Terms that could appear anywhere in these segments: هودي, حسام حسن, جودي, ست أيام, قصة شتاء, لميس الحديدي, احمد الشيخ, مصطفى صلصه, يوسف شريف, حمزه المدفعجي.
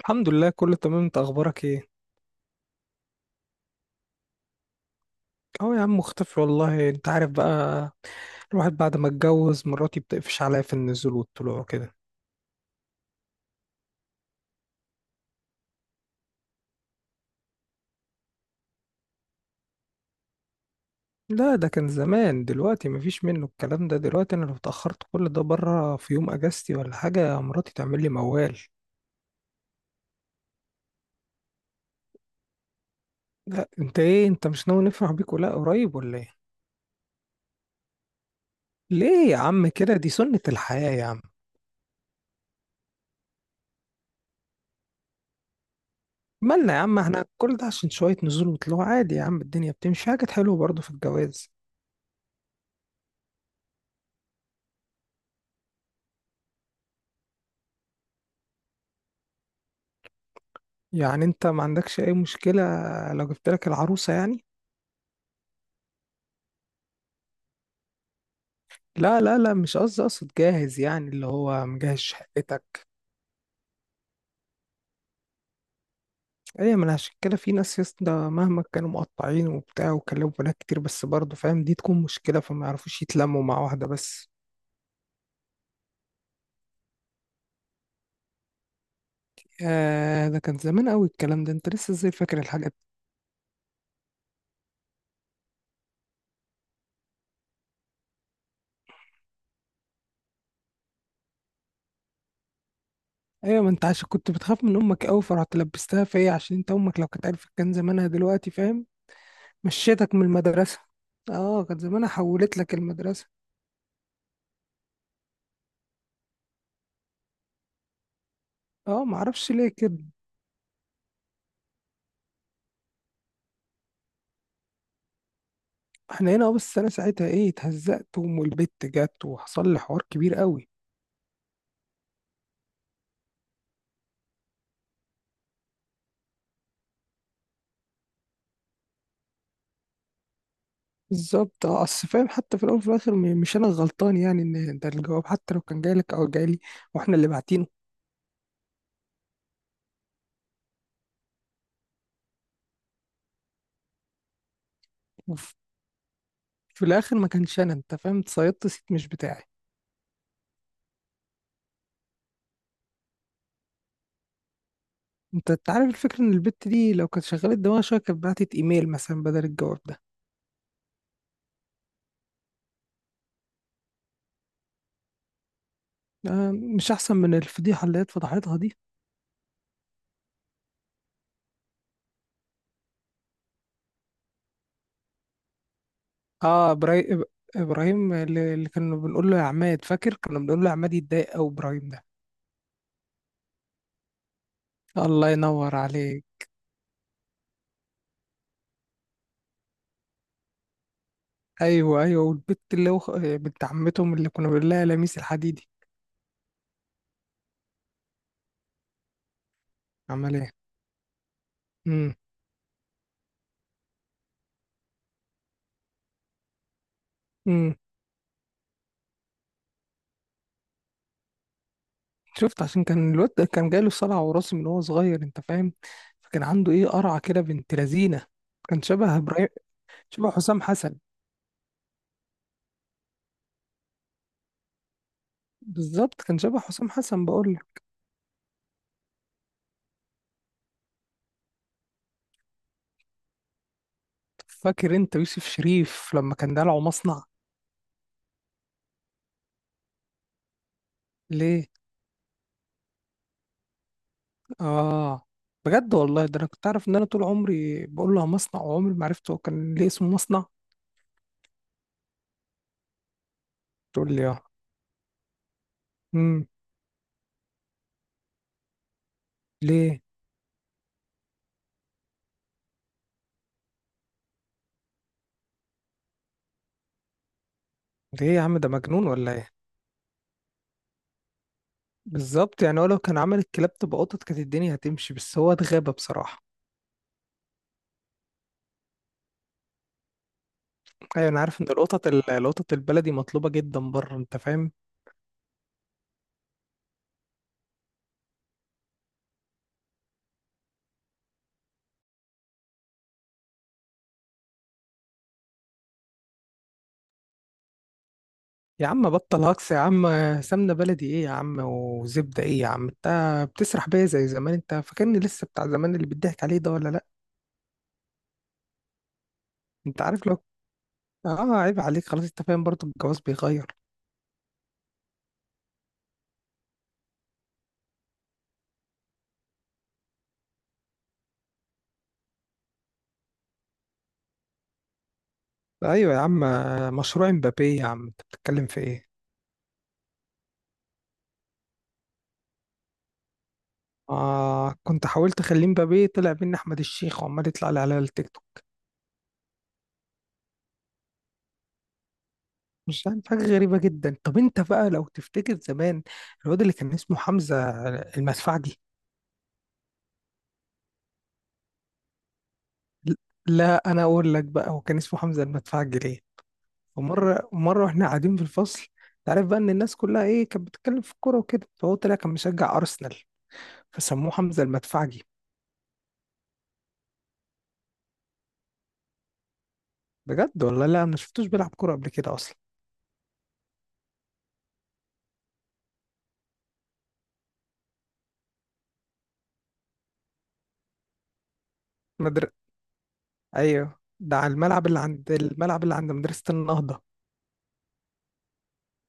الحمد لله، كله تمام. انت اخبارك ايه؟ اه، يا عم مختفي والله، انت عارف بقى. الواحد بعد ما اتجوز، مراتي بتقفش عليا في النزول والطلوع كده. لا، ده كان زمان. دلوقتي مفيش منه الكلام ده. دلوقتي انا لو اتأخرت كل ده بره في يوم اجازتي ولا حاجة، مراتي تعمل لي موال. لا، انت ايه؟ انت مش ناوي نفرح بيك ولا قريب ولا ايه؟ ليه يا عم كده؟ دي سنة الحياة يا عم. مالنا يا عم؟ احنا كل ده عشان شوية نزول وطلوع؟ عادي يا عم، الدنيا بتمشي، حاجة حلوة برضه في الجواز. يعني انت ما عندكش اي مشكلة لو جبت لك العروسة يعني؟ لا لا لا، مش قصدي، اقصد جاهز يعني، اللي هو مجهز شقتك. ايه، ما انا عشان كده في ناس يسطا، مهما كانوا مقطعين وبتاع وكلموا بنات كتير بس برضه فاهم دي تكون مشكلة، فما يعرفوش يتلموا مع واحدة بس. آه، ده كان زمان قوي الكلام ده. انت لسه ازاي فاكر الحاجات دي؟ ايوه، ما انت عشان كنت بتخاف من امك قوي فرحت لبستها فيا، عشان انت امك لو كانت عرفت كان زمانها دلوقتي، فاهم. مشيتك من المدرسة. اه، كان زمانها حولت لك المدرسة. اه، معرفش ليه كده. احنا هنا. اه، بس انا ساعتها ايه اتهزقت وام البت جت وحصل لي حوار كبير قوي. بالظبط، اه، اصل فاهم. حتى في الاول وفي الاخر مش انا الغلطان، يعني ان ده الجواب حتى لو كان جاي لك او جاي لي، واحنا اللي باعتينه. وف- في الاخر ما كانش انا، انت فاهم، اتصيدت صيت مش بتاعي. انت عارف الفكره، ان البت دي لو كانت شغلت دماغها شويه كانت بعتت ايميل مثلا بدل الجواب ده. آه، مش احسن من الفضيحه اللي هي اتفضحتها دي؟ اه، ابراهيم. ابراهيم اللي كنا بنقول له يا عماد، فاكر كنا بنقول له يا عماد يتضايق، او ابراهيم ده؟ الله ينور عليك. ايوه، ايوه، والبت اللي هو بنت عمتهم، اللي كنا بنقول لها لميس الحديدي. عمل ايه؟ امم، امم. شفت، عشان كان الواد ده كان جاله صلع وراثي من وهو صغير، انت فاهم. فكان عنده ايه قرعه كده، بنت لذينه. كان شبه ابراهيم. شبه حسام حسن. بالظبط، كان شبه حسام حسن بقول لك. فاكر انت يوسف شريف لما كان دلعه مصنع؟ ليه؟ اه. بجد والله؟ ده انا كنت عارف ان انا طول عمري بقول لها مصنع، وعمري ما عرفته هو كان ليه اسمه مصنع. تقول لي اه. امم. ليه؟ ده ايه يا عم؟ ده مجنون ولا ايه؟ بالظبط، يعني هو لو كان عمل الكلاب تبقى قطط كانت الدنيا هتمشي، بس هو اتغابى بصراحة. ايوه، انا عارف ان القطط القطط البلدي مطلوبة جدا بره، انت فاهم. يا عم بطل هكس يا عم. سمنة بلدي ايه يا عم؟ وزبدة ايه يا عم؟ انت بتسرح بيا زي زمان. انت فاكرني لسه بتاع زمان اللي بيضحك عليه ده ولا لا؟ انت عارف لو، اه، عيب عليك خلاص. انت فاهم، برضه الجواز بيغير. ايوه يا عم، مشروع امبابي يا عم انت بتتكلم في ايه؟ آه، كنت حاولت اخليه مبابي، طلع مني احمد الشيخ وعمال يطلع لي على التيك توك. مش عارف، حاجه غريبه جدا. طب انت بقى لو تفتكر زمان، الواد اللي كان اسمه حمزه المدفعجي. لا، انا اقول لك بقى هو كان اسمه حمزه المدفعجي ليه. ومره مره واحنا قاعدين في الفصل، تعرف بقى ان الناس كلها ايه كانت بتتكلم في الكوره وكده، فهو طلع كان مشجع ارسنال، فسموه حمزه المدفعجي. بجد والله؟ لا، انا ما شفتوش بيلعب كوره قبل كده اصلا. مدر... ايوه، ده على الملعب اللي عند الملعب اللي عند مدرسه النهضه.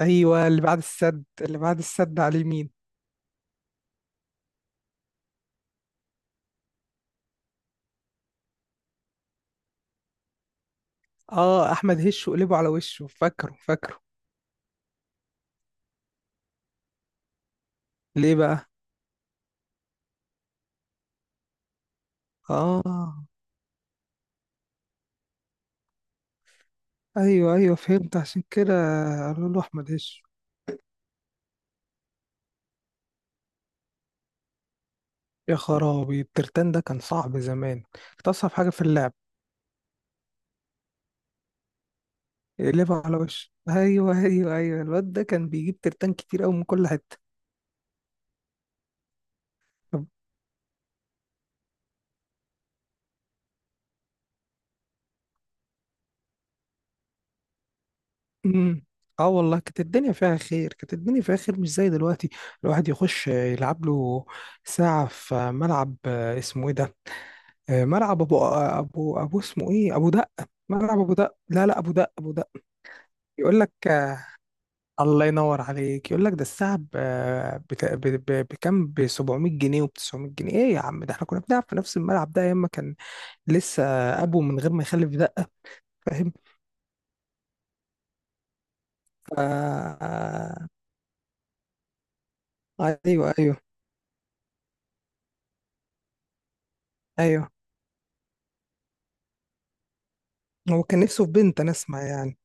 ايوه، اللي بعد السد على اليمين. اه، احمد هش وقلبه على وشه، فاكره فاكره. ليه بقى؟ اه. ايوه، ايوه، فهمت عشان كده. قالوا له احمد هش. يا خرابي، الترتان ده كان صعب زمان، كانت اصعب حاجه في اللعب. يقلبه على وشه. ايوه، ايوه، ايوه، الواد ده كان بيجيب ترتان كتير قوي من كل حته. طب. امم. اه والله، كانت الدنيا فيها خير، كانت الدنيا فيها خير، مش زي دلوقتي. الواحد يخش يلعب له ساعه في ملعب، اسمه ايه ده، ملعب ابو، ابو ابو اسمه ايه، ابو دقه، ملعب ابو دقه. لا لا، ابو دقه، ابو دقه. يقول لك الله ينور عليك. يقول لك ده الساعه بكام؟ ب 700 جنيه وب 900 جنيه. ايه يا عم، ده احنا كنا بنلعب في نفس الملعب ده ايام ما كان لسه ابو من غير ما يخلف دقه، فاهم. ف- آه، ايوه، ايوه، ايوه، هو كان نفسه في بنت، انا اسمع يعني.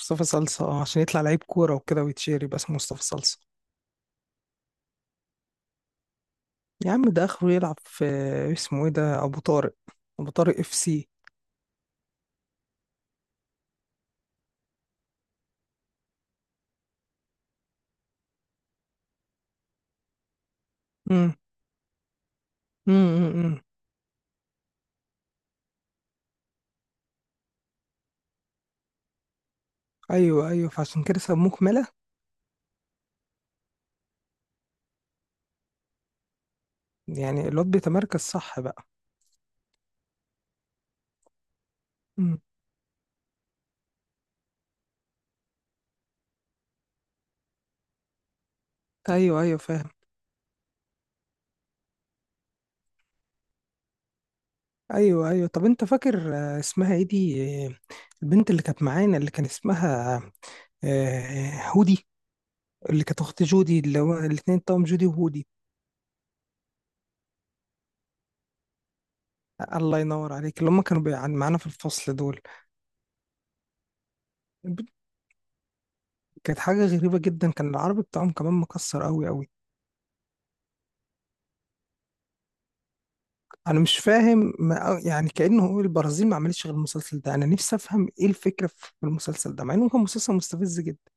مصطفى صلصه، عشان يطلع لعيب كوره وكده ويتشير يبقى اسمه مصطفى صلصه. يا عم ده اخره يلعب في، اسمه ايه ده، ابو طارق. ابو طارق اف سي. امم، امم، امم. ايوه، ايوه، فعشان كده سموه كمالة. يعني الواد بيتمركز صح بقى. امم. ايوه، ايوه، فاهم. ايوه، ايوه، طب انت فاكر، اسمها ايه دي، البنت اللي كانت معانا اللي كان اسمها، هودي، اللي كانت اخت جودي، اللي هو الاتنين توام جودي وهودي. الله ينور عليك، اللي هم كانوا معانا في الفصل دول. البنت كانت حاجة غريبة جدا، كان العربي بتاعهم كمان مكسر قوي قوي. انا مش فاهم، ما يعني كانه هو البرازيل ما عملتش غير المسلسل ده. انا نفسي افهم ايه الفكره في المسلسل ده، مع انه كان مسلسل مستفز جدا.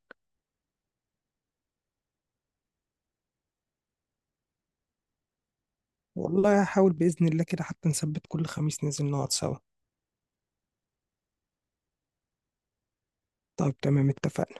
والله هحاول باذن الله كده، حتى نثبت كل خميس ننزل نقعد سوا. طيب، تمام، اتفقنا.